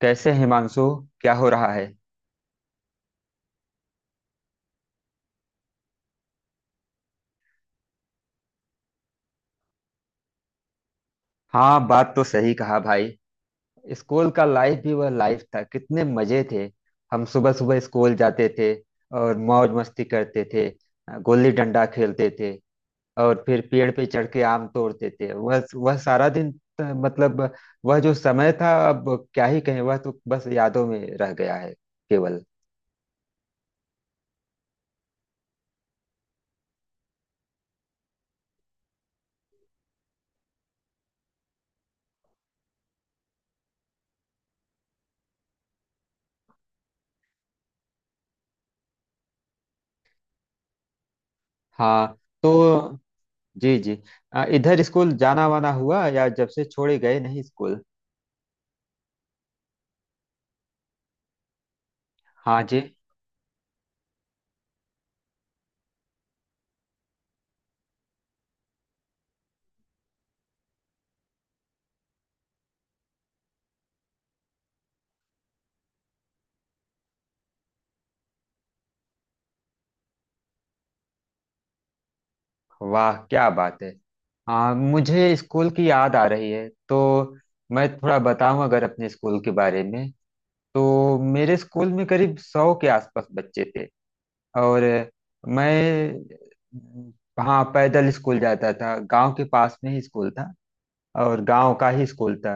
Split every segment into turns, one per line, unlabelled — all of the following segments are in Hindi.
कैसे हिमांशु, क्या हो रहा है। हाँ, बात तो सही कहा भाई। स्कूल का लाइफ भी वह लाइफ था, कितने मजे थे। हम सुबह सुबह स्कूल जाते थे और मौज मस्ती करते थे, गोली डंडा खेलते थे और फिर पेड़ पे चढ़ के आम तोड़ते थे। वह सारा दिन मतलब वह जो समय था अब क्या ही कहें, वह तो बस यादों में रह गया है केवल। हाँ। तो जी जी। इधर स्कूल जाना वाना हुआ या जब से छोड़े गए नहीं स्कूल। हाँ जी। वाह, क्या बात है। हाँ, मुझे स्कूल की याद आ रही है तो मैं थोड़ा बताऊं अगर अपने स्कूल के बारे में। तो मेरे स्कूल में करीब 100 के आसपास बच्चे थे। और मैं। हाँ, पैदल स्कूल जाता था, गांव के पास में ही स्कूल था और गांव का ही स्कूल था।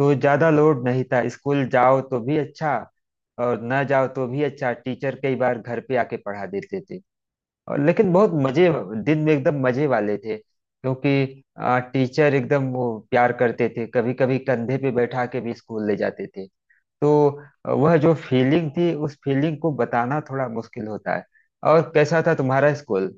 तो ज़्यादा लोड नहीं था, स्कूल जाओ तो भी अच्छा और ना जाओ तो भी अच्छा। टीचर कई बार घर पे आके पढ़ा देते थे। और लेकिन बहुत मजे दिन में एकदम मजे वाले थे क्योंकि टीचर एकदम वो प्यार करते थे, कभी कभी कंधे पे बैठा के भी स्कूल ले जाते थे। तो वह जो फीलिंग थी, उस फीलिंग को बताना थोड़ा मुश्किल होता है। और कैसा था तुम्हारा स्कूल।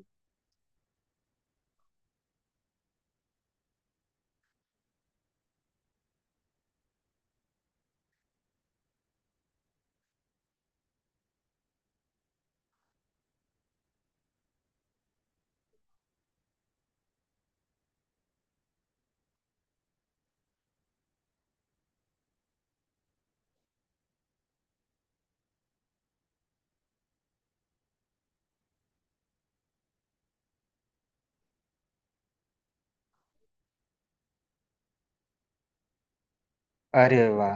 अरे वाह,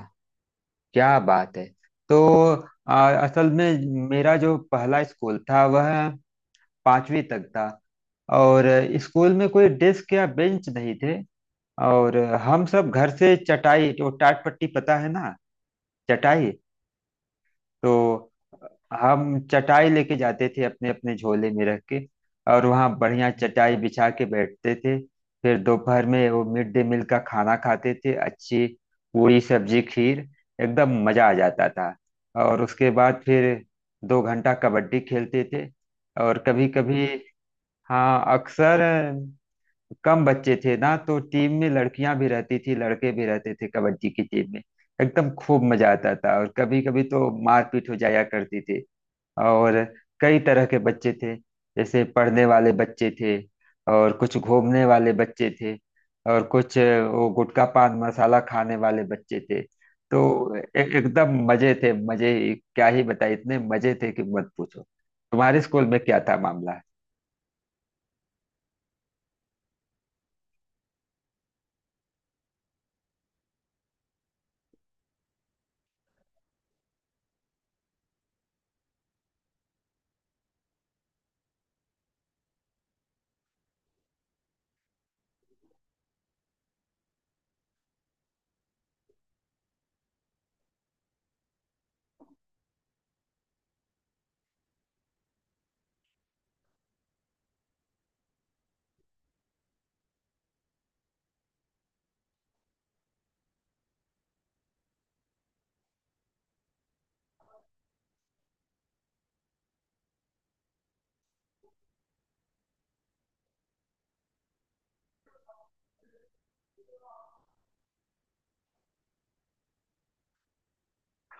क्या बात है। तो असल में मेरा जो पहला स्कूल था वह 5वीं तक था। और स्कूल में कोई डेस्क या बेंच नहीं थे। और हम सब घर से चटाई, जो टाट पट्टी, पता है ना, चटाई। तो हम चटाई लेके जाते थे अपने अपने झोले में रख के और वहाँ बढ़िया चटाई बिछा के बैठते थे। फिर दोपहर में वो मिड डे मील का खाना खाते थे, अच्छी पूरी सब्जी खीर, एकदम मजा आ जाता था। और उसके बाद फिर 2 घंटा कबड्डी खेलते थे। और कभी कभी, हाँ, अक्सर। कम बच्चे थे ना तो टीम में लड़कियां भी रहती थी, लड़के भी रहते थे कबड्डी की टीम में। एकदम खूब मजा आता था और कभी कभी तो मारपीट हो जाया करती थी। और कई तरह के बच्चे थे, जैसे पढ़ने वाले बच्चे थे और कुछ घूमने वाले बच्चे थे और कुछ वो गुटखा पान मसाला खाने वाले बच्चे थे। तो एकदम मजे थे, क्या ही बताए इतने मजे थे कि मत पूछो। तुम्हारे स्कूल में क्या था मामला।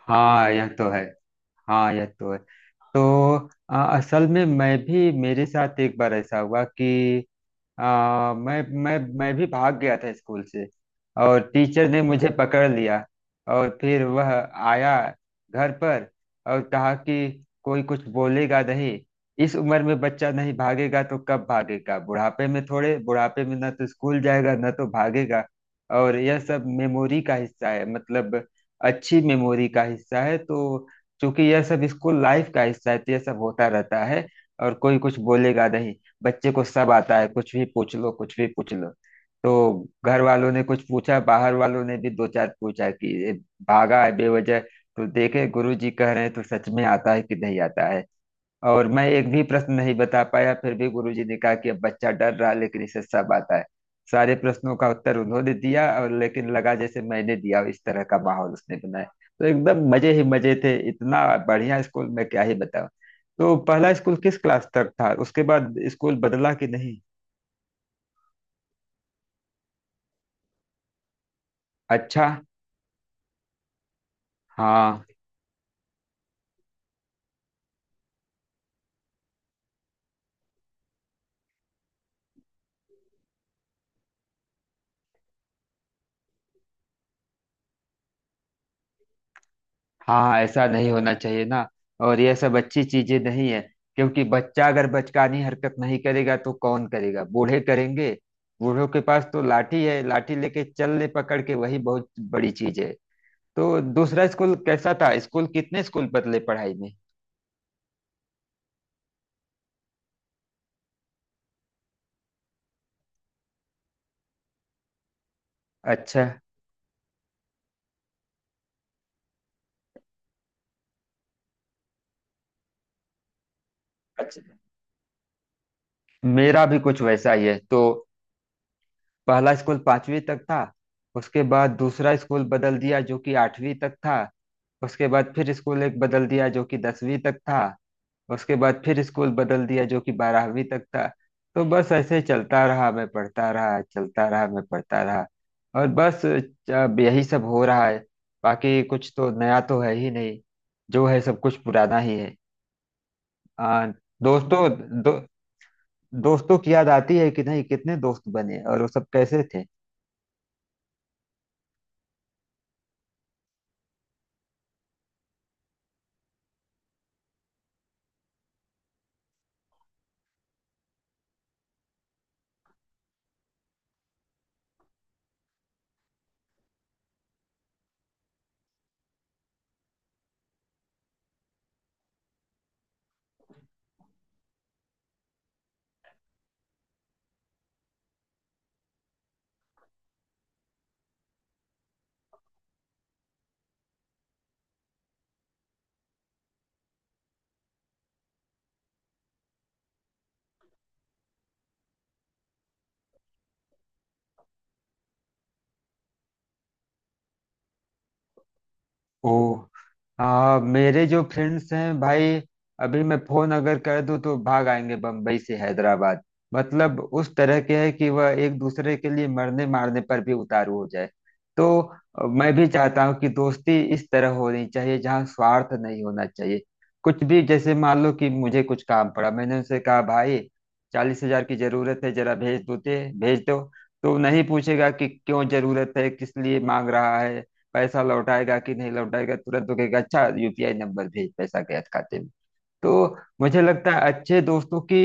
हाँ, यह तो है। हाँ, यह तो है। तो असल में मैं भी, मेरे साथ एक बार ऐसा हुआ कि मैं भी भाग गया था स्कूल से और टीचर ने मुझे पकड़ लिया। और फिर वह आया घर पर और कहा कि कोई कुछ बोलेगा नहीं, इस उम्र में बच्चा नहीं भागेगा तो कब भागेगा, बुढ़ापे में? थोड़े बुढ़ापे में ना तो स्कूल जाएगा ना तो भागेगा। और यह सब मेमोरी का हिस्सा है, मतलब अच्छी मेमोरी का हिस्सा है। तो चूंकि यह सब स्कूल लाइफ का हिस्सा है तो यह सब होता रहता है और कोई कुछ बोलेगा नहीं। बच्चे को सब आता है, कुछ भी पूछ लो, कुछ भी पूछ लो। तो घर वालों ने कुछ पूछा, बाहर वालों ने भी दो चार पूछा कि ये भागा है बेवजह, तो देखे गुरु जी कह रहे हैं तो सच में आता है कि नहीं आता है। और मैं एक भी प्रश्न नहीं बता पाया, फिर भी गुरुजी ने कहा कि अब बच्चा डर रहा लेकिन इसे सब आता है। सारे प्रश्नों का उत्तर उन्होंने दिया और लेकिन लगा जैसे मैंने दिया, इस तरह का माहौल उसने बनाया। तो एकदम मजे ही मजे थे, इतना बढ़िया स्कूल, मैं क्या ही बताऊं। तो पहला स्कूल किस क्लास तक था, उसके बाद स्कूल बदला कि नहीं? अच्छा। हाँ हाँ, ऐसा नहीं होना चाहिए ना। और यह सब अच्छी चीजें नहीं है, क्योंकि बच्चा अगर बचकानी हरकत नहीं करेगा तो कौन करेगा, बूढ़े करेंगे? बूढ़ों के पास तो लाठी है, लाठी लेके चल ले पकड़ के, वही बहुत बड़ी चीज है। तो दूसरा स्कूल कैसा था, स्कूल कितने स्कूल बदले पढ़ाई में? अच्छा अच्छा, मेरा भी कुछ वैसा ही है। तो पहला स्कूल 5वीं तक था। उसके बाद दूसरा स्कूल बदल दिया जो कि 8वीं तक था। उसके बाद फिर स्कूल एक बदल दिया जो कि 10वीं तक था। उसके बाद फिर स्कूल बदल दिया जो कि 12वीं तक था। तो बस ऐसे चलता रहा, मैं पढ़ता रहा, चलता रहा, मैं पढ़ता रहा। और बस अब यही सब हो रहा है, बाकी कुछ तो नया तो है ही नहीं, जो है सब कुछ पुराना ही है। आ, दोस्तों दो, दोस्तों की याद आती है कि नहीं, कितने दोस्त बने और वो सब कैसे थे? ओ हाँ, मेरे जो फ्रेंड्स हैं भाई, अभी मैं फोन अगर कर दूं तो भाग आएंगे बम्बई से हैदराबाद। मतलब उस तरह के है कि वह एक दूसरे के लिए मरने मारने पर भी उतारू हो जाए। तो मैं भी चाहता हूँ कि दोस्ती इस तरह होनी चाहिए जहाँ स्वार्थ नहीं होना चाहिए। कुछ भी, जैसे मान लो कि मुझे कुछ काम पड़ा, मैंने उनसे कहा भाई, 40,000 की जरूरत है जरा भेज दो ते भेज दो। तो नहीं पूछेगा कि क्यों जरूरत है, किस लिए मांग रहा है, पैसा लौटाएगा कि नहीं लौटाएगा। तुरंत तो कहेगा, अच्छा यूपीआई नंबर भेज, पैसा गया खाते में। तो मुझे लगता है अच्छे दोस्तों की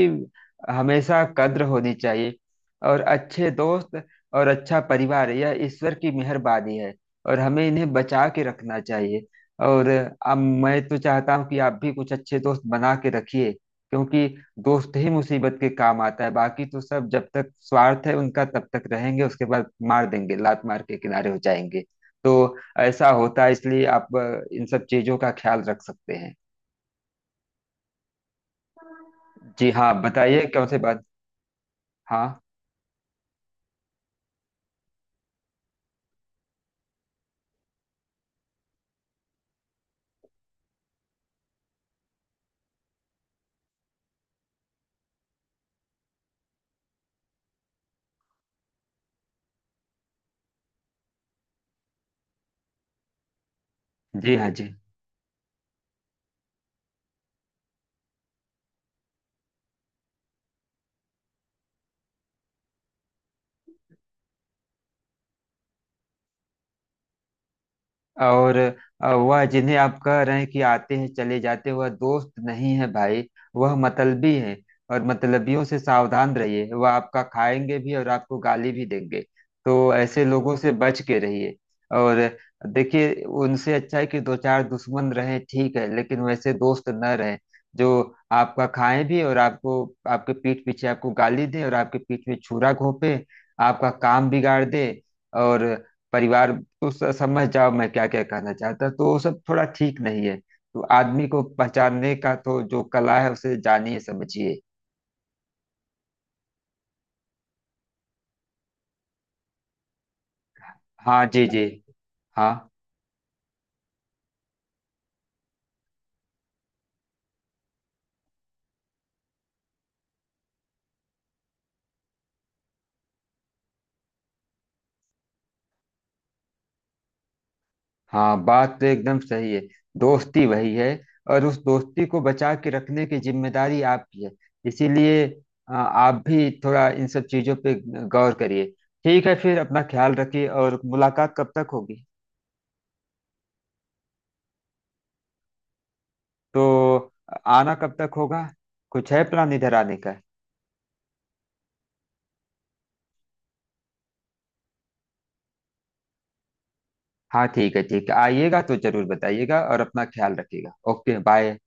हमेशा कद्र होनी चाहिए। और अच्छे दोस्त और अच्छा परिवार यह ईश्वर की मेहरबानी है और हमें इन्हें बचा के रखना चाहिए। और अब मैं तो चाहता हूँ कि आप भी कुछ अच्छे दोस्त बना के रखिए, क्योंकि दोस्त ही मुसीबत के काम आता है, बाकी तो सब जब तक स्वार्थ है उनका तब तक रहेंगे, उसके बाद मार देंगे, लात मार के किनारे हो जाएंगे। तो ऐसा होता है, इसलिए आप इन सब चीजों का ख्याल रख सकते हैं। जी हाँ, बताइए कौन सी बात। हाँ जी। हाँ जी। और वह जिन्हें आप कह रहे हैं कि आते हैं चले जाते हैं, वह दोस्त नहीं है भाई, वह मतलबी है। और मतलबियों से सावधान रहिए, वह आपका खाएंगे भी और आपको गाली भी देंगे। तो ऐसे लोगों से बच के रहिए। और देखिए, उनसे अच्छा है कि दो चार दुश्मन रहें, ठीक है, लेकिन वैसे दोस्त न रहें जो आपका खाएं भी और आपको, आपके पीठ पीछे आपको गाली दे और आपके पीठ में छुरा घोंपे, आपका काम बिगाड़ दे और परिवार। तो समझ जाओ मैं क्या क्या कहना चाहता हूं। तो वो सब थोड़ा ठीक नहीं है। तो आदमी को पहचानने का तो जो कला है उसे जानिए समझिए। हाँ जी जी। हाँ हाँ, बात तो एकदम सही है। दोस्ती वही है और उस दोस्ती को बचा के रखने की जिम्मेदारी आपकी है। इसीलिए आप भी थोड़ा इन सब चीजों पे गौर करिए। ठीक है, फिर अपना ख्याल रखिए। और मुलाकात कब तक होगी, तो आना कब तक होगा, कुछ है प्लान इधर आने का? हाँ ठीक है ठीक है, आइएगा तो जरूर बताइएगा और अपना ख्याल रखिएगा। Okay bye.